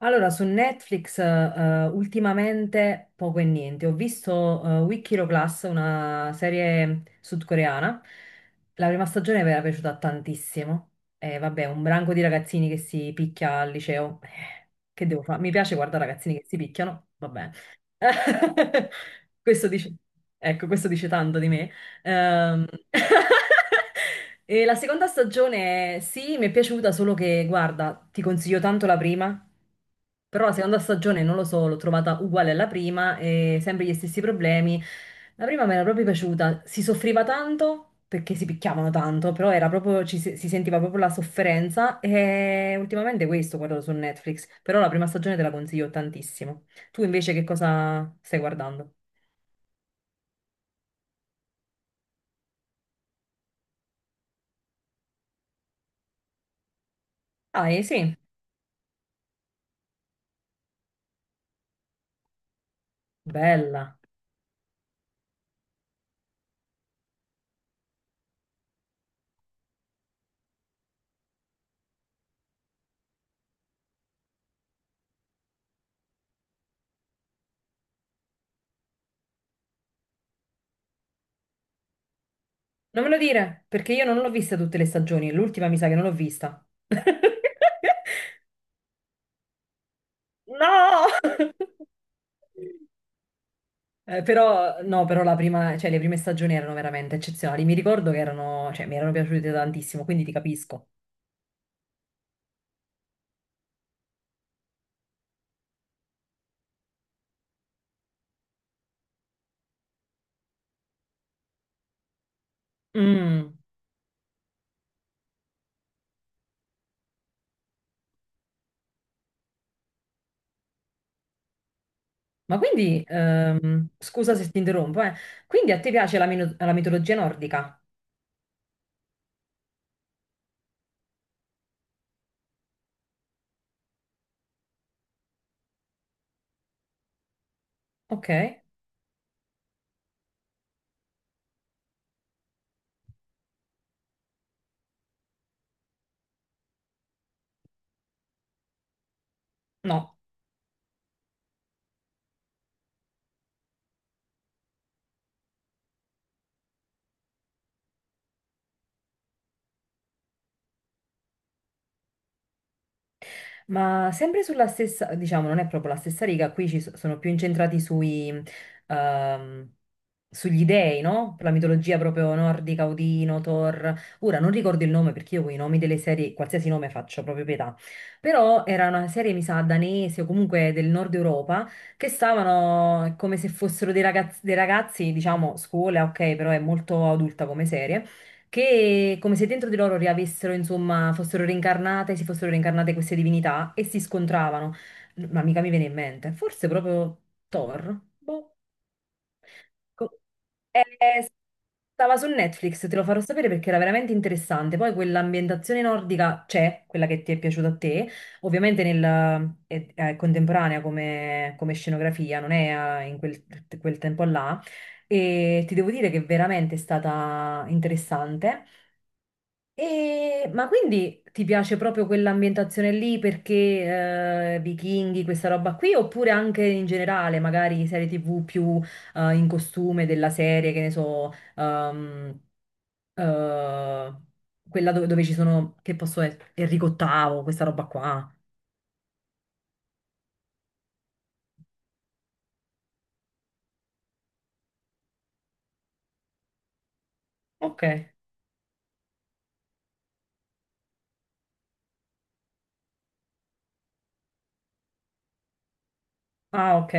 Allora, su Netflix ultimamente poco e niente. Ho visto Weak Hero Class, una serie sudcoreana. La prima stagione mi era piaciuta tantissimo. E vabbè, un branco di ragazzini che si picchia al liceo. Che devo fare? Mi piace guardare ragazzini che si picchiano. Vabbè. Questo dice... Ecco, questo dice tanto di me. Ehm, e la seconda stagione, sì, mi è piaciuta, solo che, guarda, ti consiglio tanto la prima, però la seconda stagione, non lo so, l'ho trovata uguale alla prima e sempre gli stessi problemi. La prima mi era proprio piaciuta, si soffriva tanto perché si picchiavano tanto, però era proprio, ci se- si sentiva proprio la sofferenza e ultimamente questo guardo su Netflix, però la prima stagione te la consiglio tantissimo. Tu invece che cosa stai guardando? Ah, sì, bella. Non me lo dire, perché io non l'ho vista tutte le stagioni, l'ultima mi sa che non l'ho vista. No! Però, no, però la prima, cioè, le prime stagioni erano veramente eccezionali. Mi ricordo che erano, cioè, mi erano piaciute tantissimo, quindi ti capisco. Mm. Ma quindi, scusa se ti interrompo, eh. Quindi a te piace la, la mitologia nordica? Ok, no. Ma sempre sulla stessa, diciamo, non è proprio la stessa riga, qui sono più incentrati sui, ehm, sugli dei, no? La mitologia proprio nordica, Odino, Thor. Ora non ricordo il nome perché io con i nomi delle serie, qualsiasi nome faccio, proprio pietà. Però era una serie, mi sa, danese o comunque del nord Europa, che stavano come se fossero dei ragazzi, diciamo, scuola, ok, però è molto adulta come serie che come se dentro di loro riavessero, insomma, fossero reincarnate, si fossero reincarnate queste divinità e si scontravano. Ma mica mi viene in mente, forse proprio Thor? Boh. Co- eh, eh, Stava su Netflix, te lo farò sapere perché era veramente interessante. Poi quell'ambientazione nordica c'è, quella che ti è piaciuta a te, ovviamente è contemporanea come, come scenografia, non è in quel, quel tempo là, e ti devo dire che veramente è stata interessante. E- ma quindi ti piace proprio quell'ambientazione lì perché vichinghi, questa roba qui, oppure anche in generale, magari serie TV più in costume della serie, che ne so, ehm, eh, quella dove, dove ci sono, che posso essere, Enrico VIII, questa roba qua. Ok, ah ok,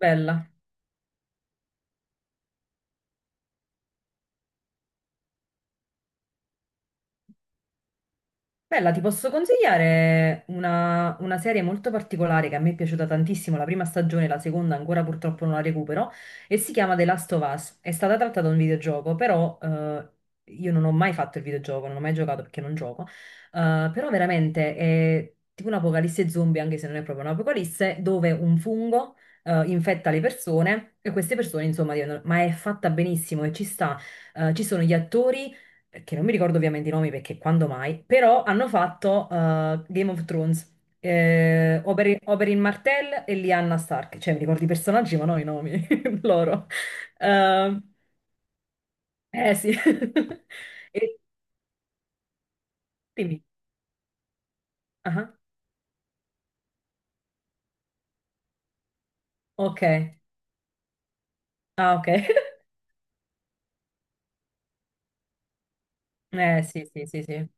bella. Bella, ti posso consigliare una serie molto particolare che a me è piaciuta tantissimo, la prima stagione, la seconda ancora purtroppo non la recupero, e si chiama The Last of Us. È stata tratta da un videogioco, però io non ho mai fatto il videogioco, non ho mai giocato perché non gioco, eh, però veramente è tipo un'apocalisse zombie, anche se non è proprio un'apocalisse, dove un fungo infetta le persone e queste persone, insomma, diventano... ma è fatta benissimo e ci sta, ci sono gli attori che non mi ricordo ovviamente i nomi perché quando mai, però hanno fatto Game of Thrones, Oberyn Martell e Lyanna Stark, cioè mi ricordo i personaggi ma non i nomi loro. Ehm, eh sì. E dimmi. Ah, ok. Ah, ok. Eh sì, sì, sì, sì.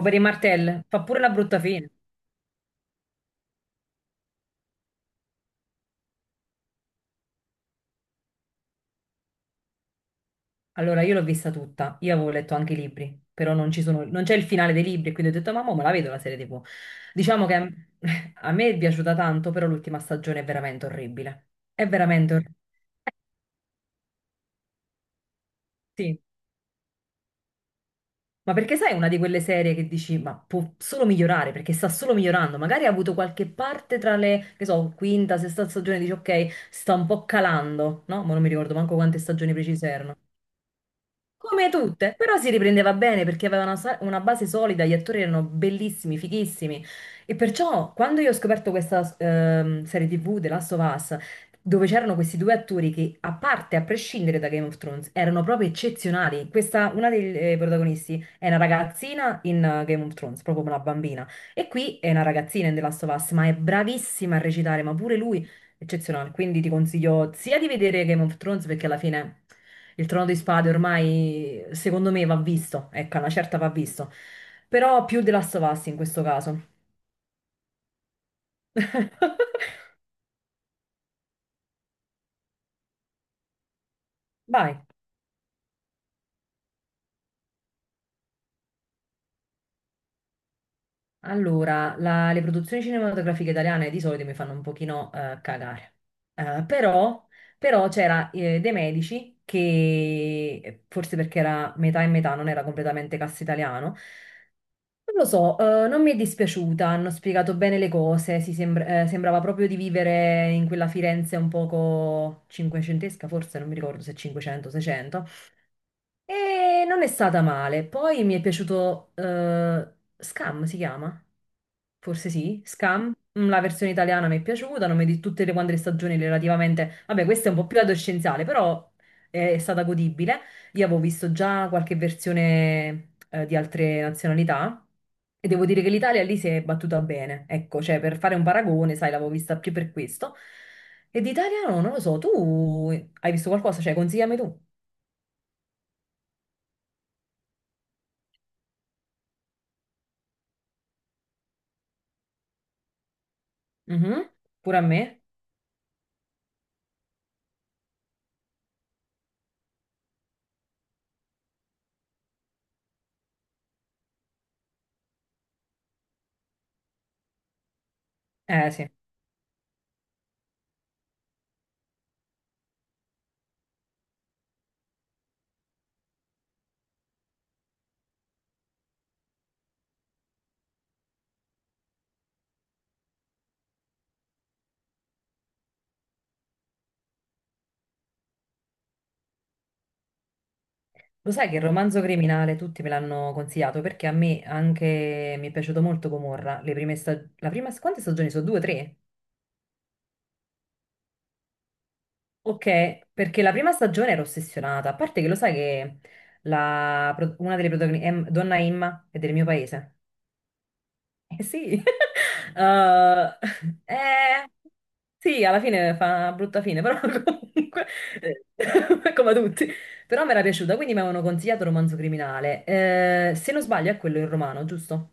Oberyn Martell fa pure la brutta fine. Allora, io l'ho vista tutta, io avevo letto anche i libri, però non ci sono, non c'è il finale dei libri, quindi ho detto, mamma, me la vedo la serie TV. Diciamo che a me è piaciuta tanto, però l'ultima stagione è veramente orribile. È veramente orribile, sì. Ma perché sai, è una di quelle serie che dici, ma può solo migliorare, perché sta solo migliorando. Magari ha avuto qualche parte tra le, che so, quinta, sesta stagione, dici, ok, sta un po' calando, no? Ma non mi ricordo manco quante stagioni precise erano. Come tutte, però si riprendeva bene perché aveva una, una base solida, gli attori erano bellissimi, fighissimi. E perciò quando io ho scoperto questa serie TV, The Last of Us, dove c'erano questi due attori che, a parte, a prescindere da Game of Thrones, erano proprio eccezionali. Questa, una dei protagonisti è una ragazzina in Game of Thrones, proprio una bambina. E qui è una ragazzina in The Last of Us, ma è bravissima a recitare, ma pure lui eccezionale. Quindi ti consiglio sia di vedere Game of Thrones perché alla fine. Il Trono di Spade ormai, secondo me, va visto. Ecco, una certa va visto. Però più The Last of Us in questo caso. Vai. Allora, le produzioni cinematografiche italiane di solito mi fanno un pochino cagare. Però, però c'era De Medici, che forse perché era metà e metà, non era completamente cast italiano, non lo so, non mi è dispiaciuta, hanno spiegato bene le cose, sembrava proprio di vivere in quella Firenze un poco cinquecentesca, forse non mi ricordo se 500 600, e non è stata male. Poi mi è piaciuto Scam, si chiama? Forse sì, Scam. Mm, la versione italiana mi è piaciuta, non mi di tutte le quante le stagioni relativamente... Vabbè, questa è un po' più adolescenziale, però è stata godibile. Io avevo visto già qualche versione di altre nazionalità e devo dire che l'Italia lì si è battuta bene. Ecco, cioè per fare un paragone, sai, l'avevo vista più per questo. E di italiano non lo so, tu hai visto qualcosa? Cioè, consigliami tu. Mhm, pure a me? Eh sì. Lo sai che il romanzo criminale tutti me l'hanno consigliato perché a me anche mi è piaciuto molto Gomorra. La prima... Quante stagioni sono? Due, tre? Ok, perché la prima stagione ero ossessionata. A parte che lo sai che una delle protagoniste, Donna Imma, è del mio paese. Eh sì, Eh, eh, sì, alla fine fa una brutta fine, però comunque, eh, come tutti, però mi era piaciuta, quindi mi avevano consigliato Romanzo Criminale. Se non sbaglio è quello in romano, giusto?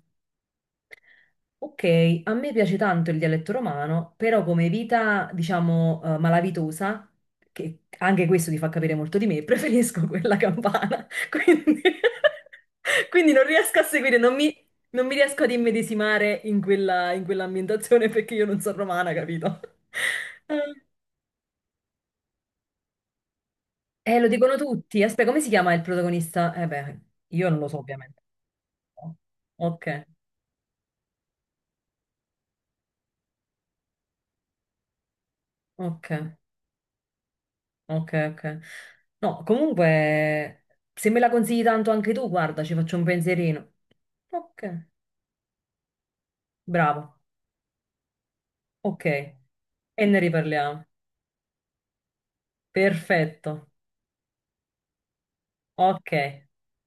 Ok, a me piace tanto il dialetto romano, però come vita, diciamo, malavitosa, che anche questo ti fa capire molto di me, preferisco quella campana. Quindi, quindi non riesco a seguire, non mi riesco ad immedesimare in quella, in quell'ambientazione perché io non sono romana, capito? Lo dicono tutti. Aspetta, come si chiama il protagonista? Eh beh, io non lo so, ovviamente. Ok, ok. Ok, ok. No, comunque, se me la consigli tanto anche tu, guarda, ci faccio un pensierino. Ok, bravo. Ok, e ne riparliamo. Perfetto. Ok.